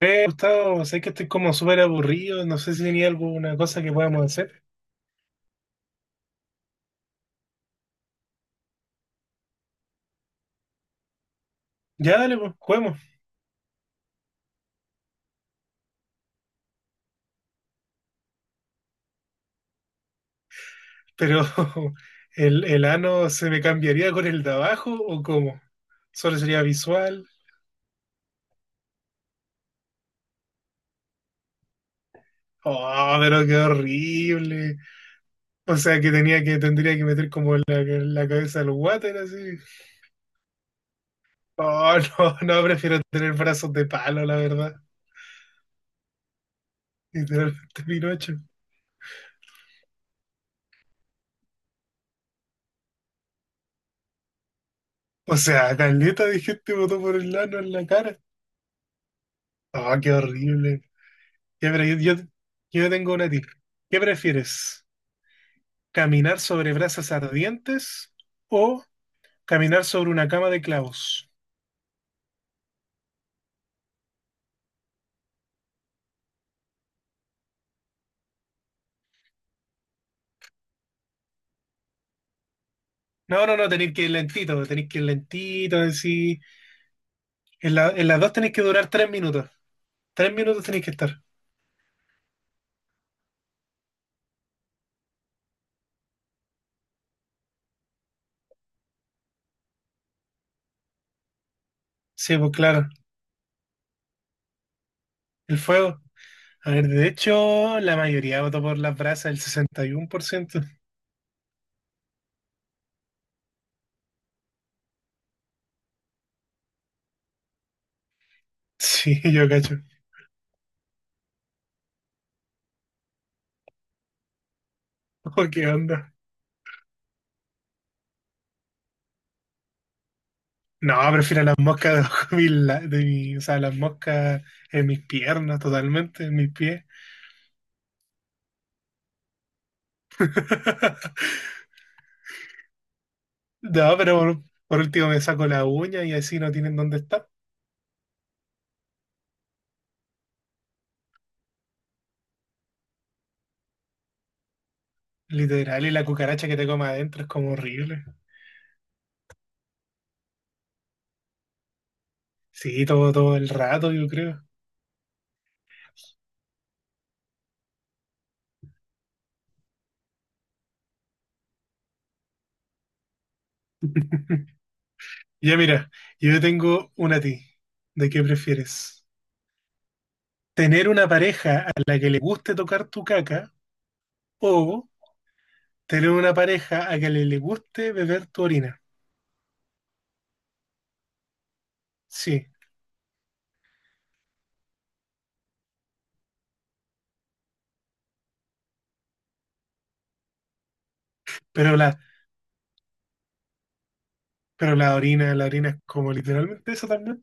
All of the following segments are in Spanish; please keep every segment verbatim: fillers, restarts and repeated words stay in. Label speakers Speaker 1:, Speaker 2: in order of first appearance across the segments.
Speaker 1: Eh, Gustavo, sé que estoy como súper aburrido, no sé si tenía alguna cosa que podamos hacer. Ya, dale, pues, juguemos. Pero, ¿el, el ano se me cambiaría con el de abajo o cómo? ¿Solo sería visual? Oh, pero qué horrible. O sea, que tenía que, tendría que meter como la, la cabeza al water así. Oh, no, no, prefiero tener brazos de palo, la verdad. Literalmente Pinocho. O sea, Caleta de gente votó por el ano en la cara. Oh, qué horrible. Ya, pero yo, yo, yo tengo una tip. ¿Qué prefieres? ¿Caminar sobre brasas ardientes o caminar sobre una cama de clavos? No, no, no, tenéis que ir lentito, tenéis que ir lentito, así. En la- en las dos tenéis que durar tres minutos. Tres minutos tenéis que estar. Sí, pues claro, el fuego. A ver, de hecho, la mayoría votó por las brasas, el sesenta y uno por ciento. Sí, yo cacho. Oh, ¿qué onda? No, prefiero las moscas debajo de, mi, la- de mi- o sea, las moscas en mis piernas totalmente, en mis pies. No, pero por, por último me saco la uña y así no tienen dónde estar. Literal, y la cucaracha que te come adentro es como horrible. Sí, todo, todo el rato, yo creo. Ya mira, yo tengo una a ti. ¿De qué prefieres? ¿Tener una pareja a la que le guste tocar tu caca o tener una pareja a la que le, le guste beber tu orina? Sí, pero las. Pero la orina, la orina es como literalmente eso también.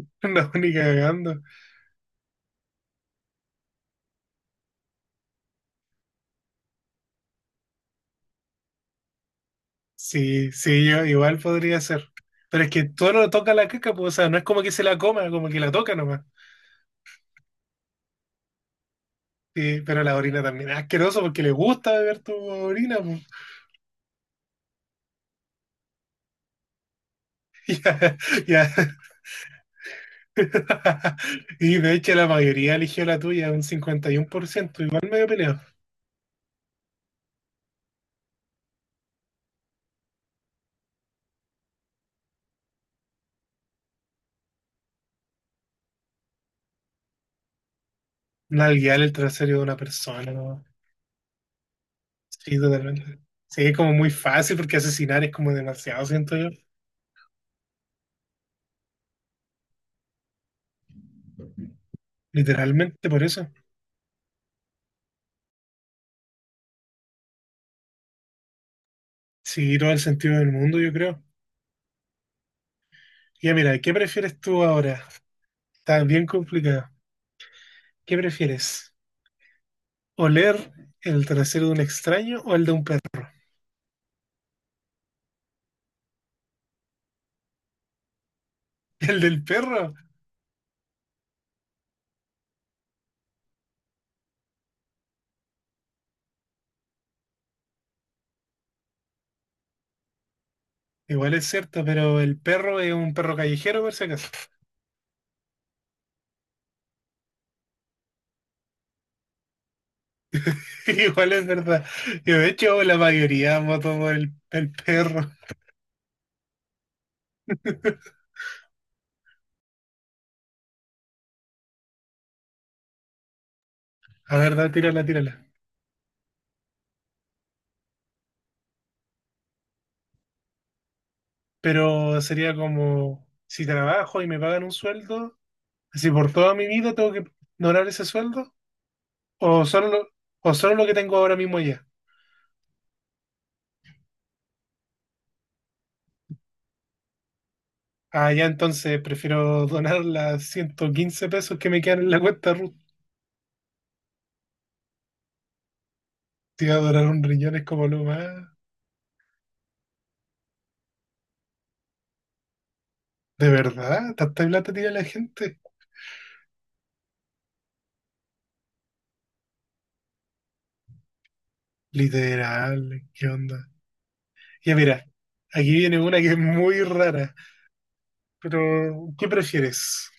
Speaker 1: No, ni cagando. Sí, sí, yo igual podría ser. Pero es que todo lo toca la caca, pues, o sea, no es como que se la coma, como que la toca nomás. Sí, pero la orina también es asqueroso porque le gusta beber tu orina, pues. Ya, ya. Y de hecho la mayoría eligió la tuya, un cincuenta y uno por ciento, igual medio peleado. Nalguear el trasero de una persona, ¿no? Sí, totalmente. Sí, es como muy fácil porque asesinar es como demasiado, siento yo. Literalmente por eso. Sí, todo el sentido del mundo, yo creo. Ya mira, ¿qué prefieres tú ahora? Está bien complicado. ¿Qué prefieres? ¿Oler el trasero de un extraño o el de un perro? ¿El del perro? Igual es cierto, pero el perro es un perro callejero, por si acaso. Igual es verdad. Yo, de hecho, la mayoría voto por el, el perro. A ver, da, tírala, tírala. Pero sería como, si trabajo y me pagan un sueldo, si por toda mi vida tengo que ignorar ese sueldo, o solo lo, o solo lo que tengo ahora mismo ya. Ah, ya, entonces prefiero donar las ciento quince pesos que me quedan en la cuenta Ruth. Te iba a donar un riñón es como lo más. ¿De verdad? ¿Tanta plata tira la gente? Literal, ¿qué onda? Ya mira, aquí viene una que es muy rara. Pero, ¿qué prefieres?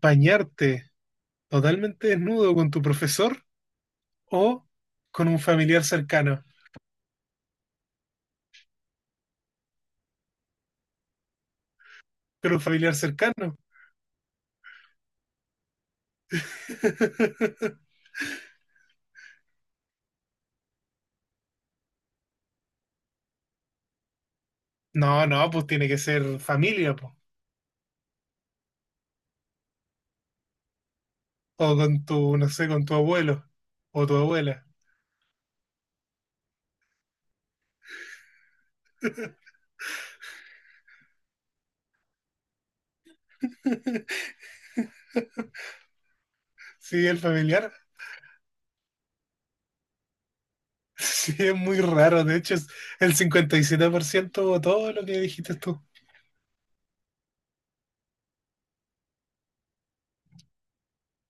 Speaker 1: ¿Bañarte totalmente desnudo con tu profesor o con un familiar cercano? Con un familiar cercano. No, no, pues tiene que ser familia, pues. O con tu, no sé, con tu abuelo o tu abuela. Sí, el familiar. Sí, es muy raro. De hecho, es el cincuenta y siete por ciento o todo lo que dijiste tú.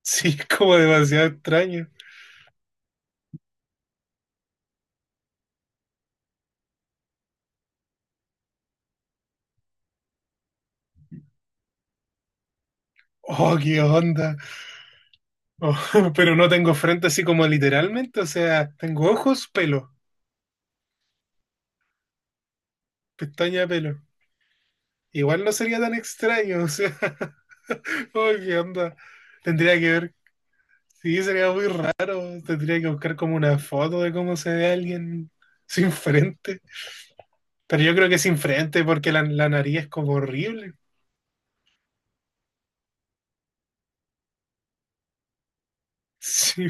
Speaker 1: Sí, es como demasiado extraño. Oh, qué onda. Oh, pero no tengo frente así como literalmente. O sea, tengo ojos, pelo, pestaña, pelo. Igual no sería tan extraño. O sea, oh, qué onda. Tendría que ver. Sí, sería muy raro. Tendría que buscar como una foto de cómo se ve alguien sin frente. Pero yo creo que es frente porque la, la nariz es como horrible. Sí,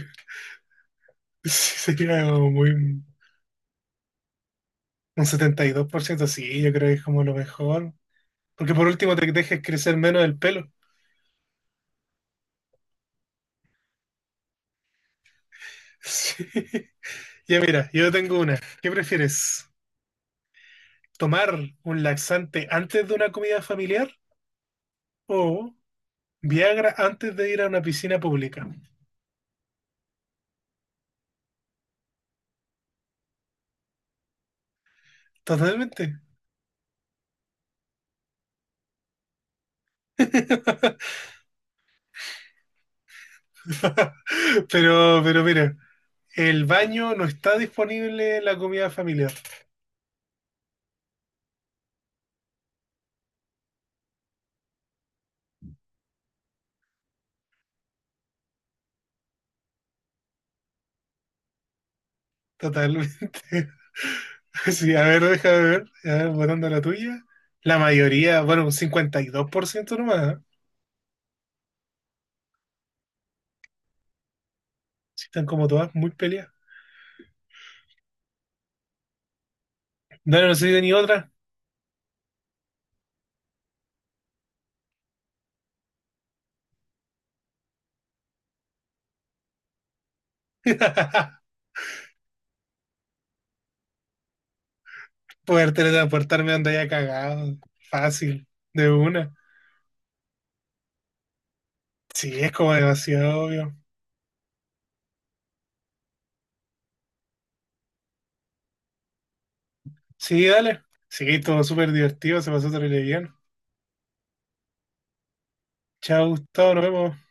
Speaker 1: sí, sería como muy un setenta y dos por ciento, sí, yo creo que es como lo mejor. Porque por último te dejes crecer menos el pelo. Sí. Ya mira, yo tengo una. ¿Qué prefieres? ¿Tomar un laxante antes de una comida familiar o Viagra antes de ir a una piscina pública? Totalmente. Pero, pero mira, el baño no está disponible en la comida familiar. Totalmente. Sí, a ver, déjame ver. A ver, votando la tuya. La mayoría, bueno, un cincuenta y dos por ciento nomás, ¿eh? Sí, están como todas muy peleadas. No, no soy de ni otra. Poder teletransportarme donde haya cagado. Fácil. De una. Sí, es como demasiado obvio. Sí, dale. Sí, todo súper divertido. Se pasó terrible bien. Chao, Gustavo. Nos vemos.